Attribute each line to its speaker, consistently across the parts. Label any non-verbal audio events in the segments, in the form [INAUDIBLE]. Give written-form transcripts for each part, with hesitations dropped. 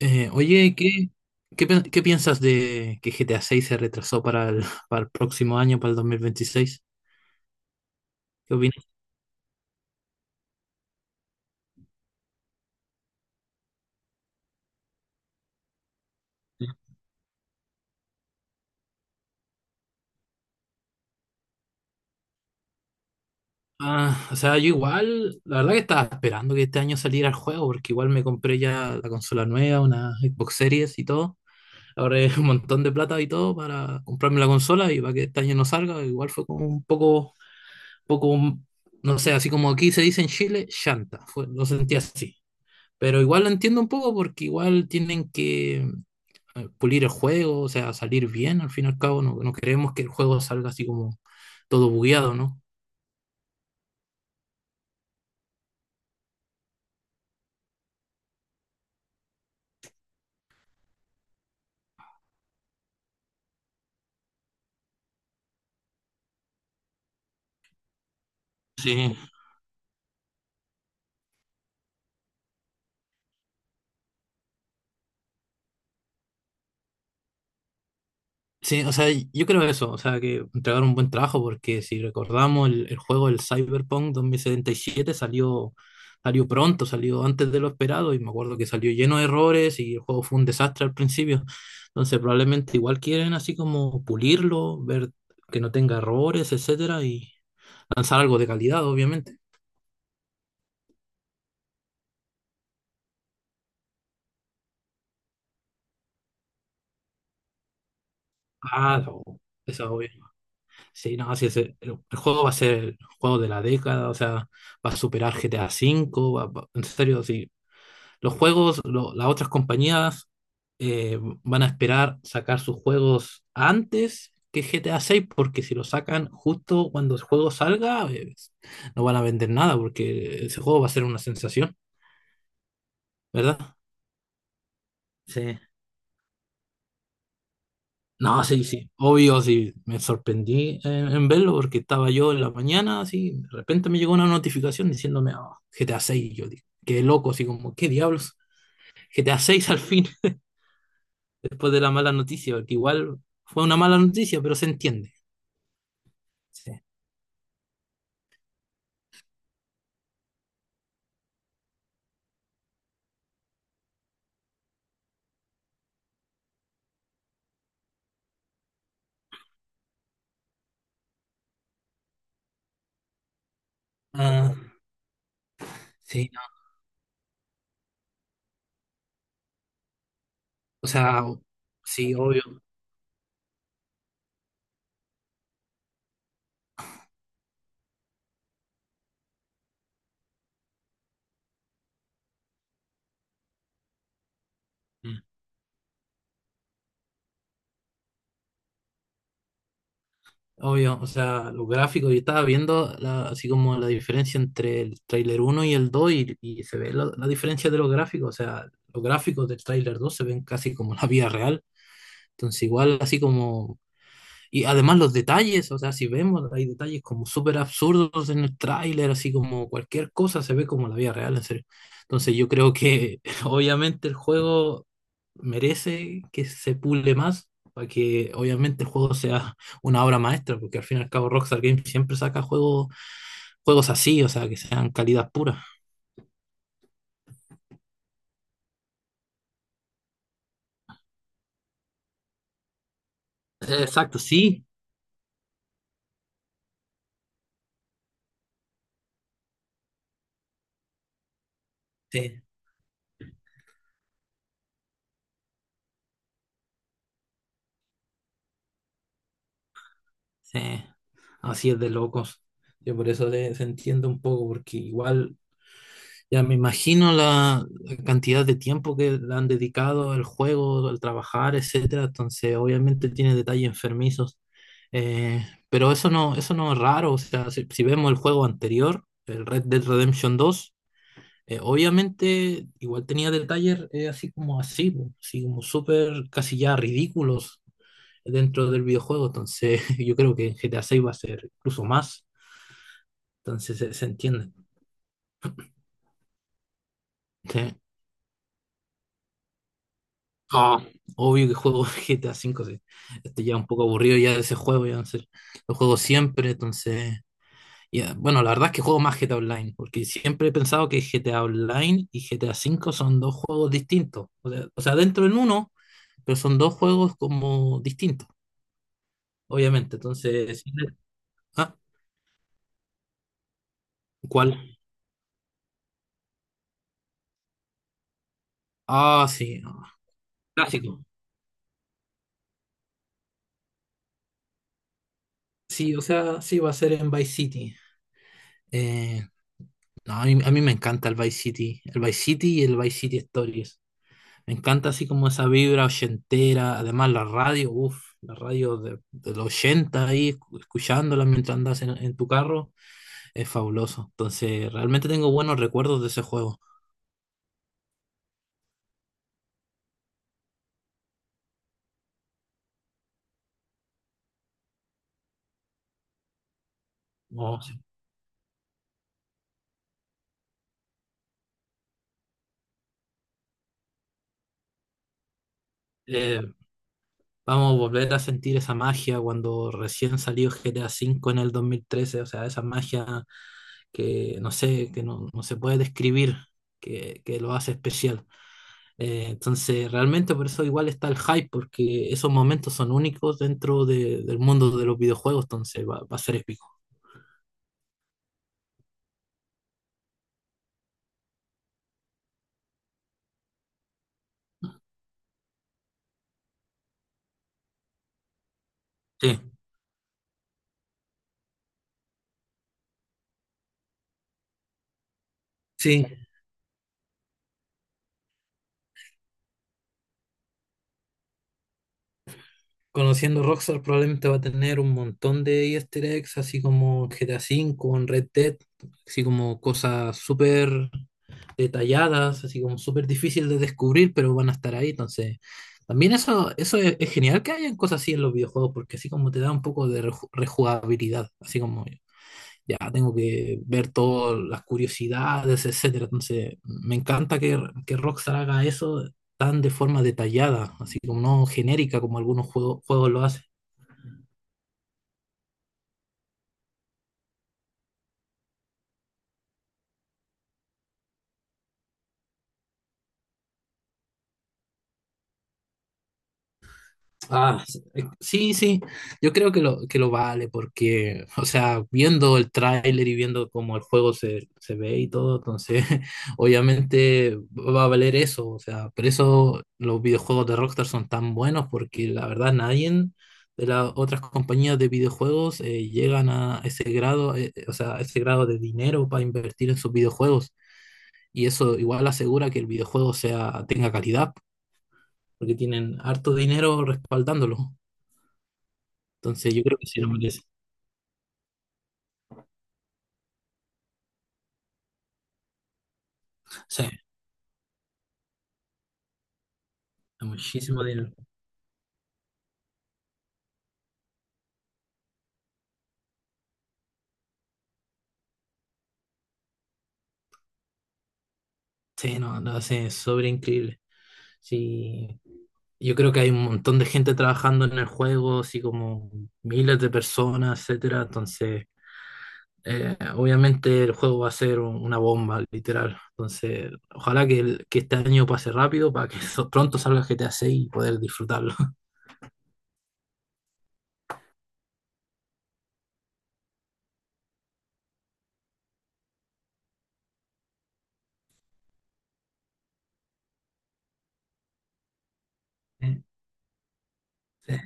Speaker 1: Oye, ¿qué piensas de que GTA seis se retrasó para el, [LAUGHS] para el próximo año, para el 2026? ¿Qué opinas? Ah, o sea, yo igual, la verdad que estaba esperando que este año saliera el juego, porque igual me compré ya la consola nueva, una Xbox Series y todo. Ahorré [LAUGHS] un montón de plata y todo para comprarme la consola y para que este año no salga, igual fue como un poco, no sé, así como aquí se dice en Chile, chanta, fue, lo sentí así. Pero igual lo entiendo un poco porque igual tienen que pulir el juego, o sea, salir bien, al fin y al cabo, no, no queremos que el juego salga así como todo bugueado, ¿no? Sí, sí, o sea, yo creo eso, o sea, que entregar un buen trabajo, porque si recordamos el Cyberpunk 2077 salió pronto, salió antes de lo esperado, y me acuerdo que salió lleno de errores y el juego fue un desastre al principio. Entonces, probablemente igual quieren así como pulirlo, ver que no tenga errores, etcétera, y lanzar algo de calidad, obviamente. Ah, eso, sí, no, sí, el juego va a ser el juego de la década, o sea, va a superar GTA V, en serio, sí. Los juegos, las otras compañías van a esperar sacar sus juegos antes que GTA VI, porque si lo sacan justo cuando el juego salga, no van a vender nada, porque ese juego va a ser una sensación, ¿verdad? Sí. No, sí, sí, obvio, sí, me sorprendí en verlo porque estaba yo en la mañana, así, de repente me llegó una notificación diciéndome: "Ah, GTA 6", yo digo, qué loco, así como, qué diablos, GTA 6 al fin, [LAUGHS] después de la mala noticia, porque igual fue una mala noticia, pero se entiende. Sí. Ah, sí, no, o sea, sí, obvio. Mm. Obvio, o sea, los gráficos, yo estaba viendo así como la diferencia entre el tráiler uno y el 2 y se ve la diferencia de los gráficos, o sea, los gráficos del tráiler 2 se ven casi como la vida real, entonces igual así como, y además los detalles, o sea, si vemos, hay detalles como súper absurdos en el tráiler, así como cualquier cosa se ve como la vida real, en serio. Entonces yo creo que [LAUGHS] obviamente el juego merece que se pule más para que obviamente el juego sea una obra maestra, porque al fin y al cabo Rockstar Games siempre saca juegos, juegos así, o sea, que sean calidad pura. Exacto, sí, sí, sí. Así es de locos. Yo por eso se entiendo un poco, porque igual ya me imagino la cantidad de tiempo que le han dedicado al juego, al trabajar, etcétera. Entonces, obviamente tiene detalles enfermizos. Pero eso no es raro. O sea, si vemos el juego anterior, el Red Dead Redemption dos obviamente igual tenía detalles así como así, po, así como súper casi ya ridículos dentro del videojuego. Entonces, [LAUGHS] yo creo que en GTA 6 va a ser incluso más. Entonces, se entiende. Sí. No, obvio que juego [LAUGHS] GTA V, sí. Estoy ya un poco aburrido ya de ese juego, ya no sé. Lo juego siempre, entonces. Ya, bueno, la verdad es que juego más GTA Online, porque siempre he pensado que GTA Online y GTA V son dos juegos distintos. O sea, dentro en uno, pero son dos juegos como distintos, obviamente. Entonces, sí, ah, ¿cuál? Ah, sí, no, clásico. Sí, o sea, sí, va a ser en Vice City. Eh, no, a mí me encanta el Vice City y el Vice City Stories. Me encanta así como esa vibra ochentera, además la radio, uff, la radio de los 80 ahí, escuchándola mientras andas en tu carro, es fabuloso. Entonces, realmente tengo buenos recuerdos de ese juego. Oh, sí. Eh, vamos a volver a sentir esa magia cuando recién salió GTA V en el 2013, o sea, esa magia que no sé, que no, no se puede describir, que lo hace especial. Entonces, realmente por eso igual está el hype, porque esos momentos son únicos dentro del mundo de los videojuegos, entonces va a ser épico. Sí, sí. Conociendo Rockstar probablemente va a tener un montón de easter eggs, así como GTA V, en Red Dead, así como cosas súper detalladas, así como súper difícil de descubrir, pero van a estar ahí. Entonces, también eso es genial que hayan cosas así en los videojuegos, porque así como te da un poco de rejugabilidad, así como ya tengo que ver todas las curiosidades, etcétera. Entonces, me encanta que Rockstar haga eso tan de forma detallada, así como no genérica como algunos juegos lo hacen. Ah, sí, sí, yo creo que lo vale porque, o sea, viendo el tráiler y viendo cómo el juego se ve y todo, entonces [LAUGHS] obviamente va a valer eso, o sea, por eso los videojuegos de Rockstar son tan buenos porque la verdad nadie de las otras compañías de videojuegos llegan a ese grado, o sea, a ese grado de dinero para invertir en sus videojuegos y eso igual asegura que el videojuego tenga calidad porque tienen harto dinero respaldándolo. Entonces yo creo que sí lo merece. Sí, es muchísimo dinero. Sí, no, lo hace sobre increíble. Sí, yo creo que hay un montón de gente trabajando en el juego, así como miles de personas, etcétera. Entonces, obviamente el juego va a ser una bomba, literal. Entonces, ojalá que, que este año pase rápido para que [LAUGHS] pronto salga GTA 6 y poder disfrutarlo. [LAUGHS] Eh,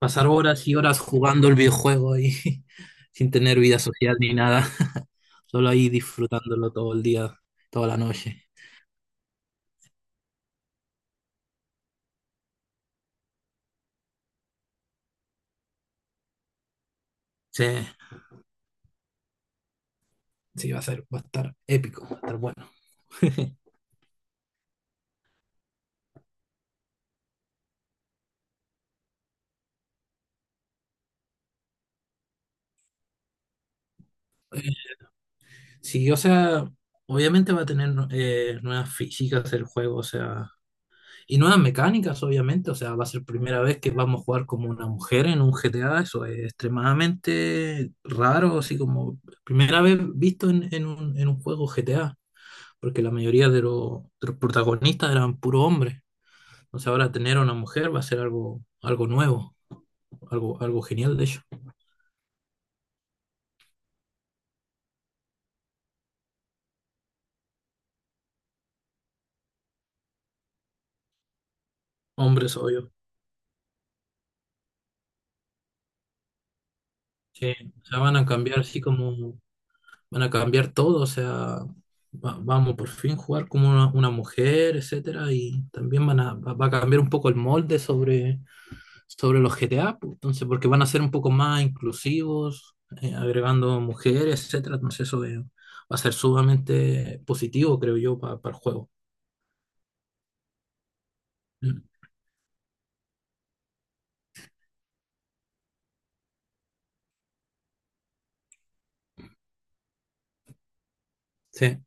Speaker 1: pasar horas y horas jugando el videojuego y [LAUGHS] sin tener vida social ni nada. [LAUGHS] Solo ahí disfrutándolo todo el día, toda la noche. Sí, sí, va a ser, va a estar épico, va a estar bueno. [LAUGHS] Sí, o sea, obviamente va a tener nuevas físicas el juego, o sea, y nuevas mecánicas, obviamente, o sea, va a ser primera vez que vamos a jugar como una mujer en un GTA, eso es extremadamente raro, así como primera vez visto en un juego GTA. Porque la mayoría de los protagonistas eran puro hombres. Entonces ahora tener a una mujer va a ser algo, algo nuevo, algo, algo genial de hecho. Hombres, obvio. Sí, o sea, van a cambiar así como, van a cambiar todo, o sea, vamos por fin jugar como una mujer, etcétera, y también van a, va va a cambiar un poco el molde sobre, sobre los GTA, pues, entonces, porque van a ser un poco más inclusivos, agregando mujeres, etcétera, entonces eso va a ser sumamente positivo, creo yo, para el juego. Mm. Sí.